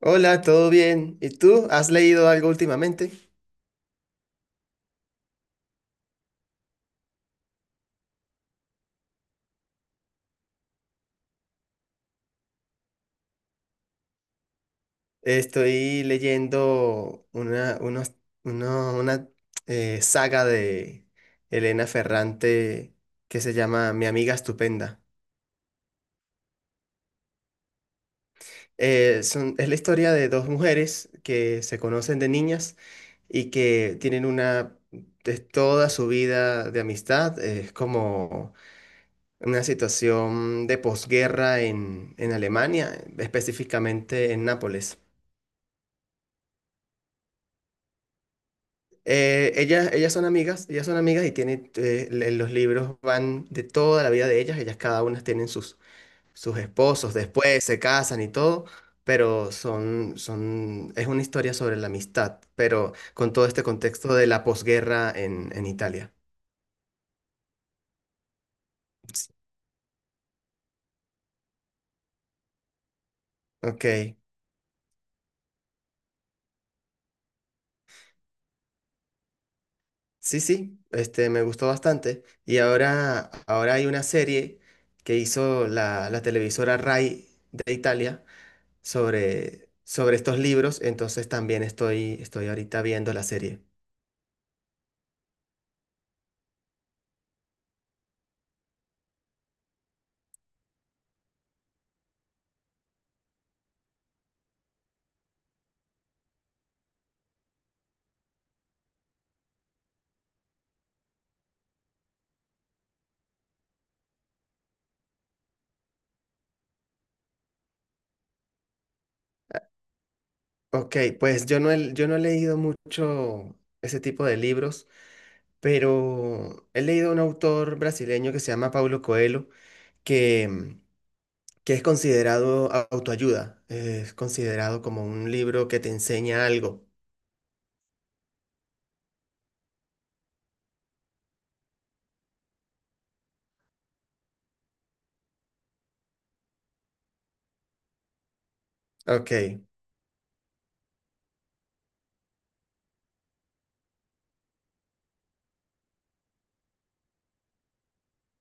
Hola, ¿todo bien? ¿Y tú? ¿Has leído algo últimamente? Estoy leyendo una saga de Elena Ferrante que se llama Mi amiga estupenda. Es la historia de dos mujeres que se conocen de niñas y que tienen de toda su vida de amistad. Es como una situación de posguerra en Alemania, específicamente en Nápoles. Ellas son amigas, ellas son amigas y tienen, los libros van de toda la vida de ellas, ellas cada una tienen sus esposos, después se casan y todo, pero son, es una historia sobre la amistad, pero con todo este contexto de la posguerra en Italia. Ok, sí, sí, me gustó bastante. Y ahora hay una serie que hizo la televisora Rai de Italia sobre estos libros, entonces también estoy ahorita viendo la serie. Ok, pues yo no he leído mucho ese tipo de libros, pero he leído un autor brasileño que se llama Paulo Coelho, que, mm, que es considerado autoayuda, es considerado como un libro que te enseña algo. Ok,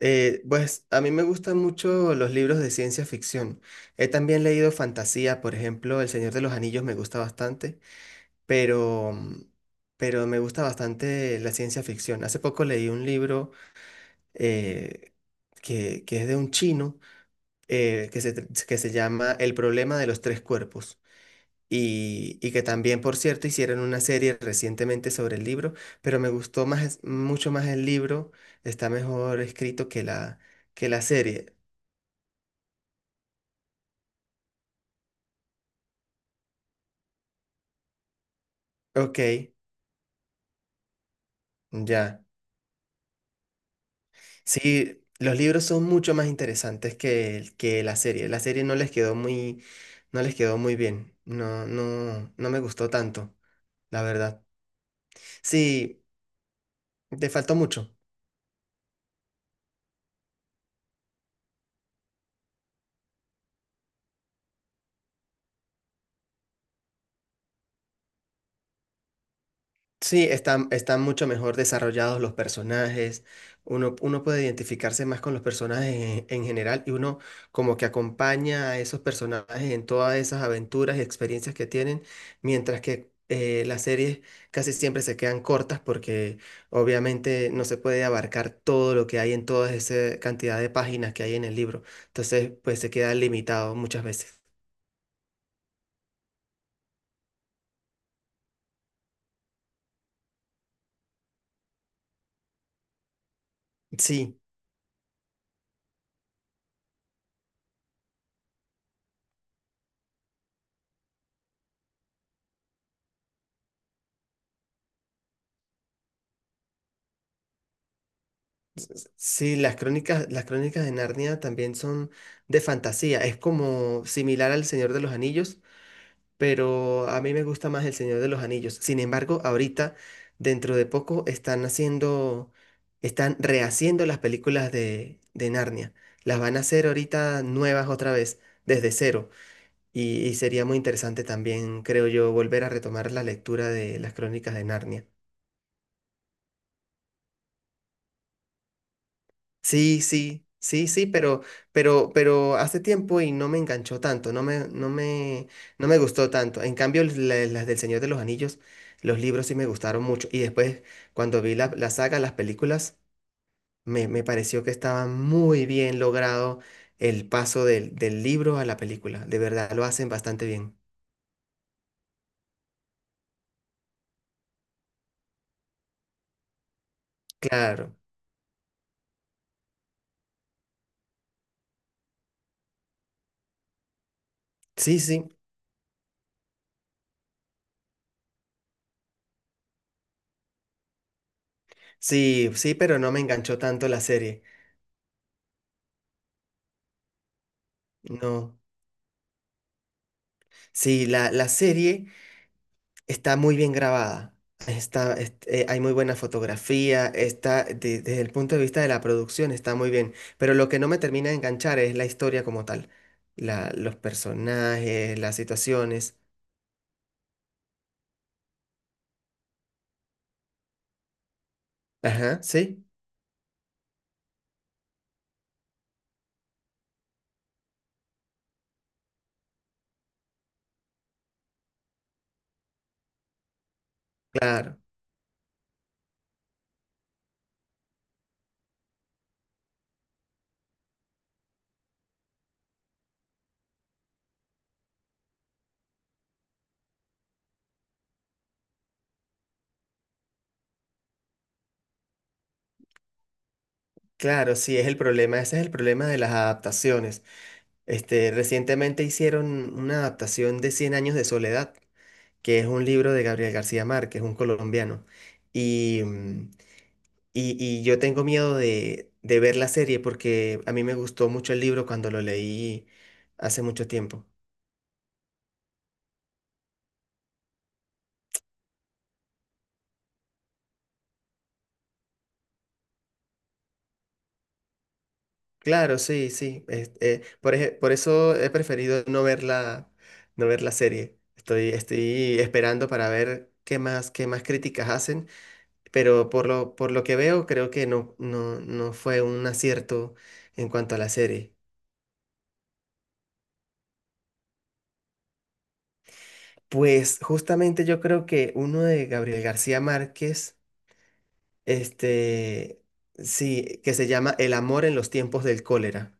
pues a mí me gustan mucho los libros de ciencia ficción. He también leído fantasía, por ejemplo, El Señor de los Anillos me gusta bastante. Pero pero me gusta bastante la ciencia ficción. Hace poco leí un libro eh, que es de un chino que se llama El problema de los tres cuerpos. Y que también, por cierto, hicieron una serie recientemente sobre el libro, pero me gustó más, es- mucho más el libro, está mejor escrito que que la serie. Ok, ya. Sí, los libros son mucho más interesantes que la serie. La serie no les quedó muy bien. No, no, no me gustó tanto, la verdad. Sí, te faltó mucho. Sí, están mucho mejor desarrollados los personajes. Uno puede identificarse más con los personajes en general y uno como que acompaña a esos personajes en todas esas aventuras y experiencias que tienen, mientras que las series casi siempre se quedan cortas porque obviamente no se puede abarcar todo lo que hay en toda esa cantidad de páginas que hay en el libro. Entonces, pues se queda limitado muchas veces. Sí. Sí, las crónicas de Narnia también son de fantasía. Es como similar al Señor de los Anillos, pero a mí me gusta más el Señor de los Anillos. Sin embargo, ahorita, dentro de poco, están rehaciendo las películas de Narnia. Las van a hacer ahorita nuevas otra vez, desde cero. Y sería muy interesante también, creo yo, volver a retomar la lectura de las crónicas de Narnia. Sí, sí, sí, sí, pero hace tiempo y no me enganchó tanto, no me gustó tanto. En cambio, las del Señor de los Anillos, los libros sí me gustaron mucho. Y después, cuando vi la saga, las películas, me pareció que estaba muy bien logrado el paso del libro a la película. De verdad, lo hacen bastante bien. Claro. Sí, sí, sí, sí, pero no me enganchó tanto la serie. No. Sí, la serie. Está muy bien grabada. Hay muy buena fotografía. Desde el punto de vista de la producción, está muy bien. Pero lo que no me termina de enganchar es la historia como tal. Los personajes, las situaciones. Ajá, sí, claro. Claro, sí, es el problema. Ese es el problema de las adaptaciones. Recientemente hicieron una adaptación de Cien años de soledad, que es un libro de Gabriel García Márquez, un colombiano. y mm, y yo tengo miedo de ver la serie porque a mí me gustó mucho el libro cuando lo leí hace mucho tiempo. Claro, sí, sí. Por eso he preferido no ver no ver la serie. Estoy esperando para ver qué más críticas hacen, pero por lo que veo creo que no, no, no fue un acierto en cuanto a la serie. Pues justamente yo creo que uno de Gabriel García Márquez. Este, sí, que se llama El amor en los tiempos del cólera.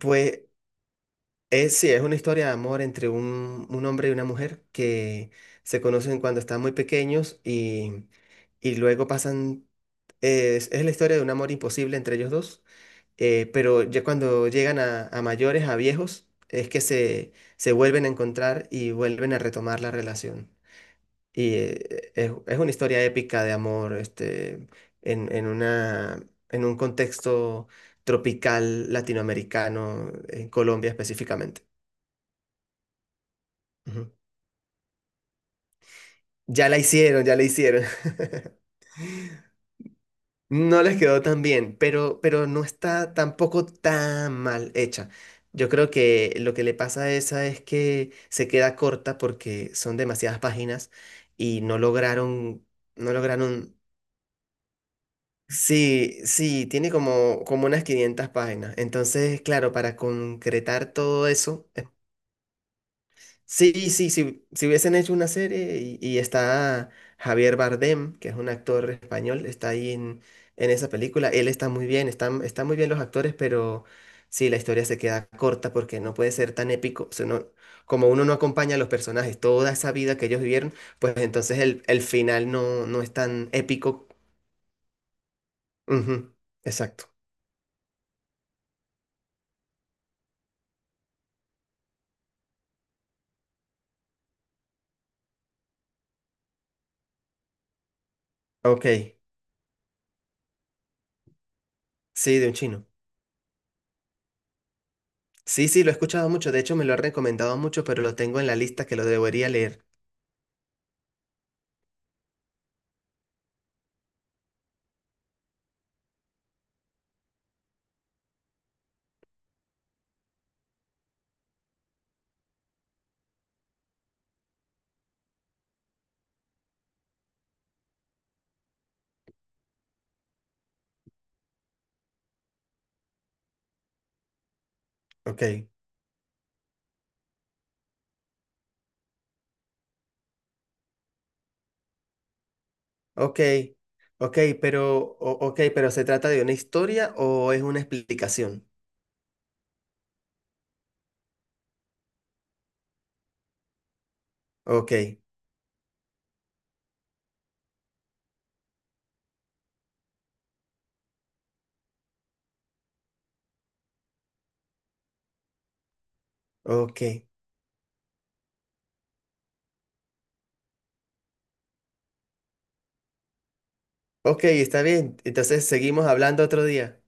Pues sí, es una historia de amor entre un hombre y una mujer que se conocen cuando están muy pequeños y es la historia de un amor imposible entre ellos dos, pero ya cuando llegan a mayores, a viejos, es que se vuelven a encontrar y vuelven a retomar la relación. Y es una historia épica de amor, en en un contexto tropical latinoamericano, en Colombia específicamente. Ujú. Ya la hicieron, ya la hicieron. No les quedó tan bien, pero no está tampoco tan mal hecha. Yo creo que lo que le pasa a esa es que se queda corta porque son demasiadas páginas y no lograron. Sí, sí, tiene como, como unas 500 páginas. Entonces, claro, para concretar todo eso, sí, sí, sí, si hubiesen hecho una serie y está Javier Bardem, que es un actor español, está ahí en esa película, él está muy bien, están muy bien los actores, pero sí, la historia se queda corta porque no puede ser tan épico, como uno no acompaña a los personajes, toda esa vida que ellos vivieron, pues entonces el final no, no es tan épico. Ujú, exacto. Ok. Sí, de un chino. Sí, sí, lo he escuchado mucho. De hecho, me lo ha recomendado mucho, pero lo tengo en la lista que lo debería leer. Ok, ok, ok, pero, ¿se trata de una historia o es una explicación? Ok, ok, ok, está bien. Entonces, seguimos hablando otro día.